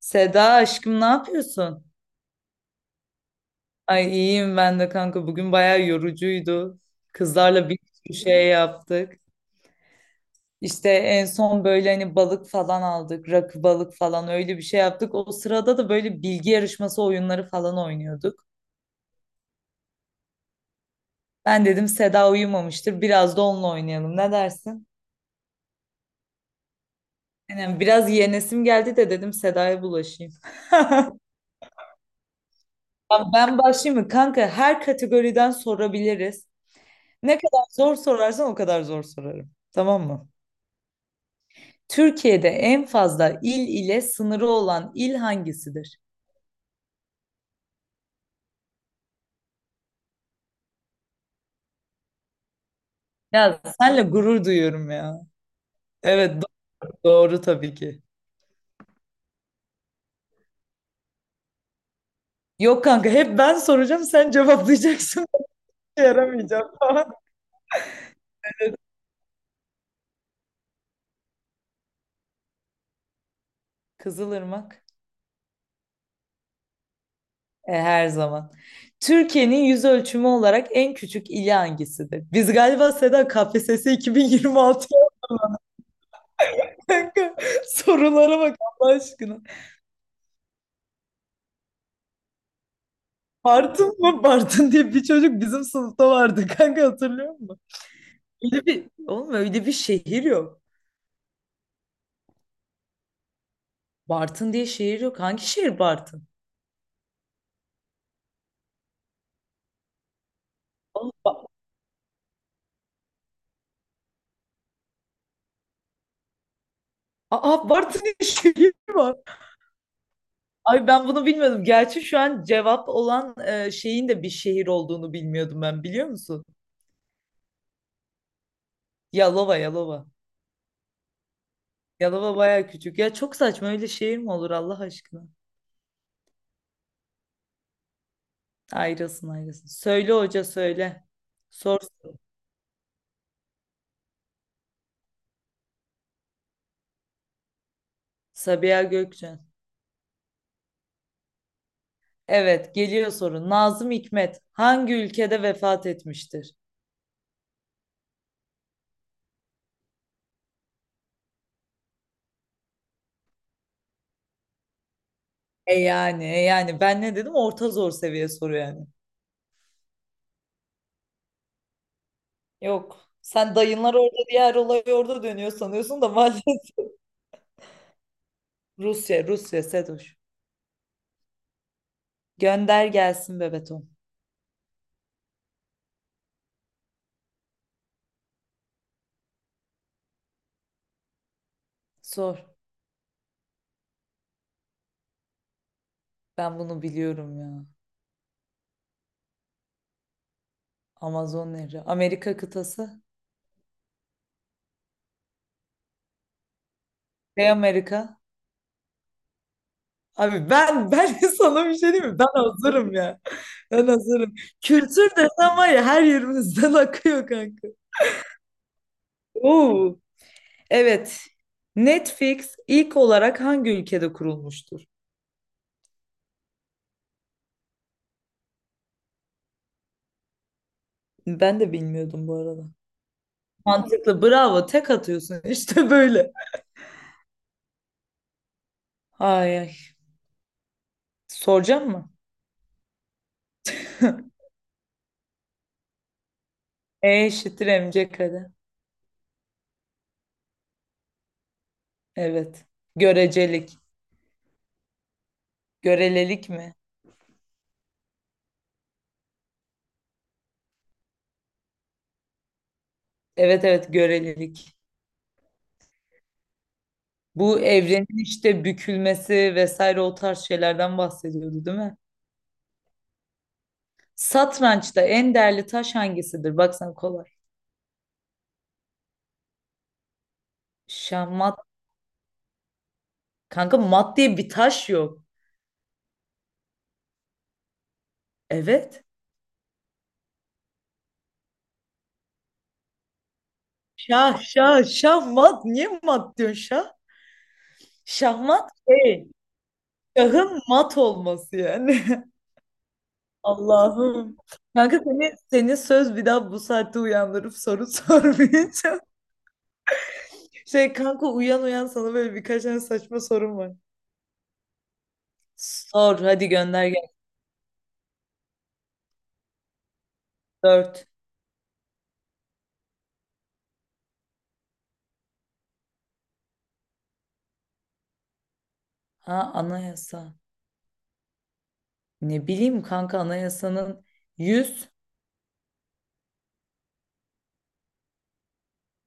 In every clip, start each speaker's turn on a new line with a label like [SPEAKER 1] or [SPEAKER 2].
[SPEAKER 1] Seda aşkım ne yapıyorsun? Ay iyiyim ben de kanka. Bugün bayağı yorucuydu. Kızlarla bir sürü şey yaptık. İşte en son böyle hani balık falan aldık. Rakı balık falan öyle bir şey yaptık. O sırada da böyle bilgi yarışması oyunları falan oynuyorduk. Ben dedim Seda uyumamıştır. Biraz da onunla oynayalım. Ne dersin? Yani biraz yenesim geldi de dedim Seda'ya bulaşayım. Ben başlayayım mı? Kanka her kategoriden sorabiliriz. Ne kadar zor sorarsan o kadar zor sorarım. Tamam mı? Türkiye'de en fazla il ile sınırı olan il hangisidir? Ya senle gurur duyuyorum ya. Evet doğru tabii ki. Yok kanka hep ben soracağım sen cevaplayacaksın. Yaramayacağım falan. Kızılırmak. E, her zaman. Türkiye'nin yüz ölçümü olarak en küçük ili hangisidir? Biz galiba Seda KPSS 2026 kanka. Sorulara bak Allah aşkına. Bartın mı? Bartın diye bir çocuk bizim sınıfta vardı kanka hatırlıyor musun? Oğlum öyle bir şehir yok. Bartın diye şehir yok. Hangi şehir Bartın? Aa, aa, Bartın diye şehir var. Ay ben bunu bilmiyordum. Gerçi şu an cevap olan şeyin de bir şehir olduğunu bilmiyordum ben biliyor musun? Yalova, Yalova. Yalova baya küçük. Ya çok saçma öyle şehir mi olur Allah aşkına? Ayrılsın ayrılsın. Söyle hoca söyle. Sor. Sabiha Gökçen. Evet geliyor soru. Nazım Hikmet hangi ülkede vefat etmiştir? E yani, ben ne dedim? Orta zor seviye soru yani. Yok. Sen dayınlar orada, diğer olay orada dönüyor sanıyorsun da maalesef. Rusya, Rusya Sedoş. Gönder gelsin Bebetom. Sor. Ben bunu biliyorum ya. Amazon nehri. Amerika kıtası. Kuzey Amerika. Abi ben sana bir şey diyeyim mi? Ben hazırım ya. Ben hazırım. Kültür desen var ya her yerimizden akıyor kanka. Oo. Evet. Netflix ilk olarak hangi ülkede kurulmuştur? Ben de bilmiyordum bu arada. Mantıklı. Bravo. Tek atıyorsun. İşte böyle. Ay ay. Soracağım mı? E eşittir mc kare. Evet. Görecelik. Görelelik mi? Evet evet görelilik. Bu evrenin işte bükülmesi vesaire o tarz şeylerden bahsediyordu değil mi? Satrançta en değerli taş hangisidir? Baksana kolay. Şah mat. Kanka mat diye bir taş yok. Evet. Şah şah şah mat. Niye mat diyorsun şah? Şahmat şey. Şahın mat olması yani. Allah'ım. Kanka senin söz bir daha bu saatte uyandırıp soru sormayacağım. Şey kanka uyan uyan sana böyle birkaç tane saçma sorum var. Sor hadi gönder gel. Dört. Ha anayasa. Ne bileyim kanka anayasanın 100,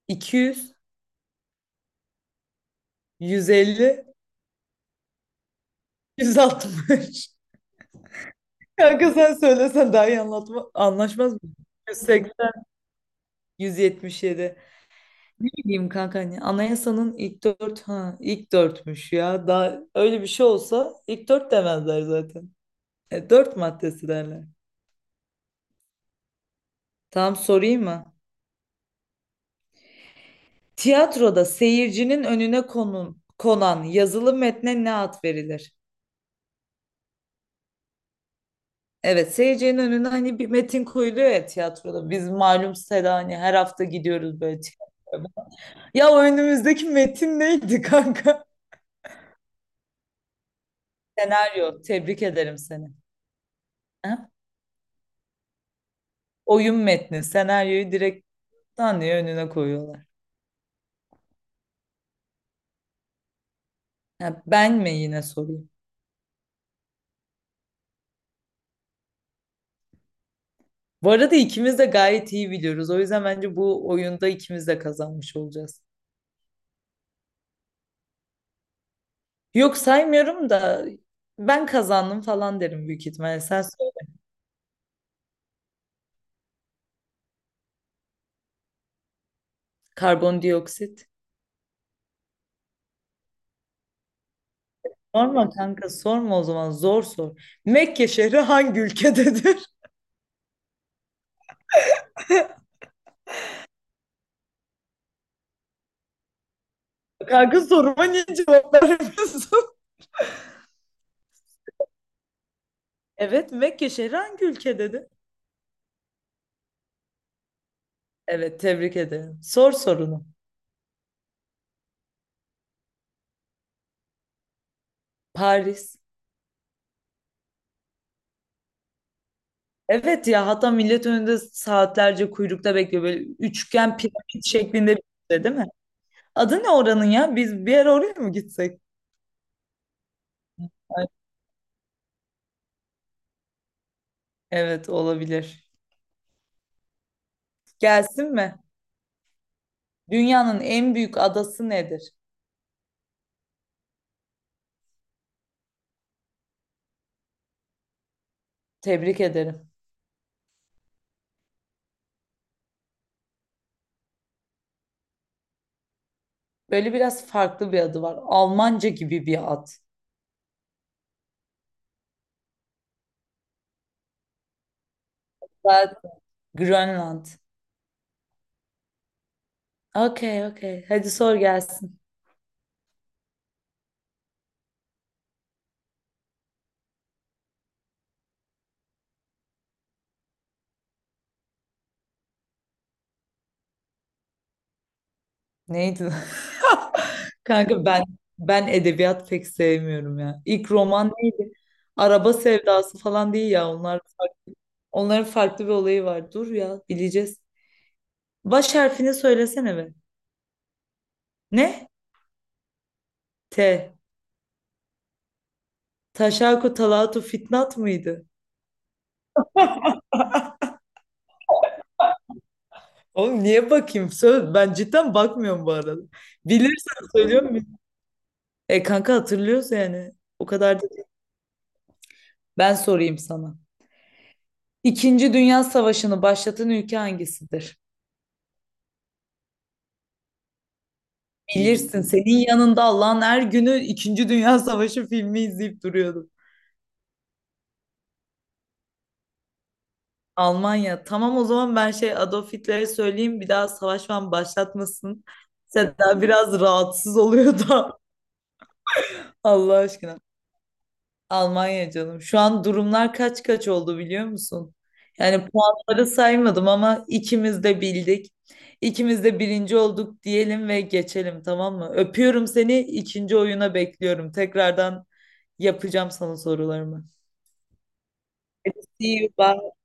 [SPEAKER 1] 200, 150, 160. Kanka sen söylesen daha iyi anlatma, anlaşmaz mı? 180, 177. Ne bileyim kanka hani anayasanın ilk dört ha ilk dörtmüş ya. Daha öyle bir şey olsa ilk dört demezler zaten. E, dört maddesi derler. Tamam sorayım mı? Tiyatroda seyircinin önüne konan yazılı metne ne ad verilir? Evet seyircinin önüne hani bir metin koyuluyor ya tiyatroda. Biz malum Seda hani her hafta gidiyoruz böyle tiyatroya. Ya o önümüzdeki metin neydi kanka? Senaryo. Tebrik ederim seni. Ha? Oyun metni. Senaryoyu direkt Tanrı'ya önüne koyuyorlar. Ha, ben mi yine sorayım? Bu arada ikimiz de gayet iyi biliyoruz. O yüzden bence bu oyunda ikimiz de kazanmış olacağız. Yok saymıyorum da ben kazandım falan derim büyük ihtimalle. Sen sor. Karbondioksit. Sorma kanka sorma o zaman zor sor. Mekke şehri hangi ülkededir? Kanka soruma niye cevap vermiyorsun? Evet Mekke şehri hangi ülkededir? Evet tebrik ederim. Sor sorunu. Paris. Evet ya hatta millet önünde saatlerce kuyrukta bekliyor. Böyle üçgen piramit şeklinde bir şey değil mi? Adı ne oranın ya? Biz bir ara oraya mı gitsek? Ay, evet olabilir. Gelsin mi? Dünyanın en büyük adası nedir? Tebrik ederim. Böyle biraz farklı bir adı var. Almanca gibi bir ad. Zaten Grönland. Okey okey. Hadi sor gelsin. Neydi lan? Kanka ben edebiyat pek sevmiyorum ya. İlk roman neydi? Araba sevdası falan değil ya onlar. Onların farklı bir olayı var. Dur ya bileceğiz. Baş harfini söylesene be. Ne? T. Taşaku Talatu Fitnat mıydı? Oğlum niye bakayım? Söz, ben cidden bakmıyorum bu arada. Bilirsen söylüyorum muyum? E kanka hatırlıyoruz yani. O kadar da değil. Ben sorayım sana. İkinci Dünya Savaşı'nı başlatan ülke hangisidir? Bilirsin senin yanında Allah'ın her günü İkinci Dünya Savaşı filmi izleyip duruyordum. Almanya. Tamam o zaman ben şey Adolf Hitler'e söyleyeyim bir daha savaş falan başlatmasın. Seda biraz rahatsız oluyor da Allah aşkına. Almanya canım. Şu an durumlar kaç kaç oldu biliyor musun? Yani puanları saymadım ama ikimiz de bildik. İkimiz de birinci olduk diyelim ve geçelim tamam mı? Öpüyorum seni. İkinci oyuna bekliyorum. Tekrardan yapacağım sana sorularımı. See you. Bye.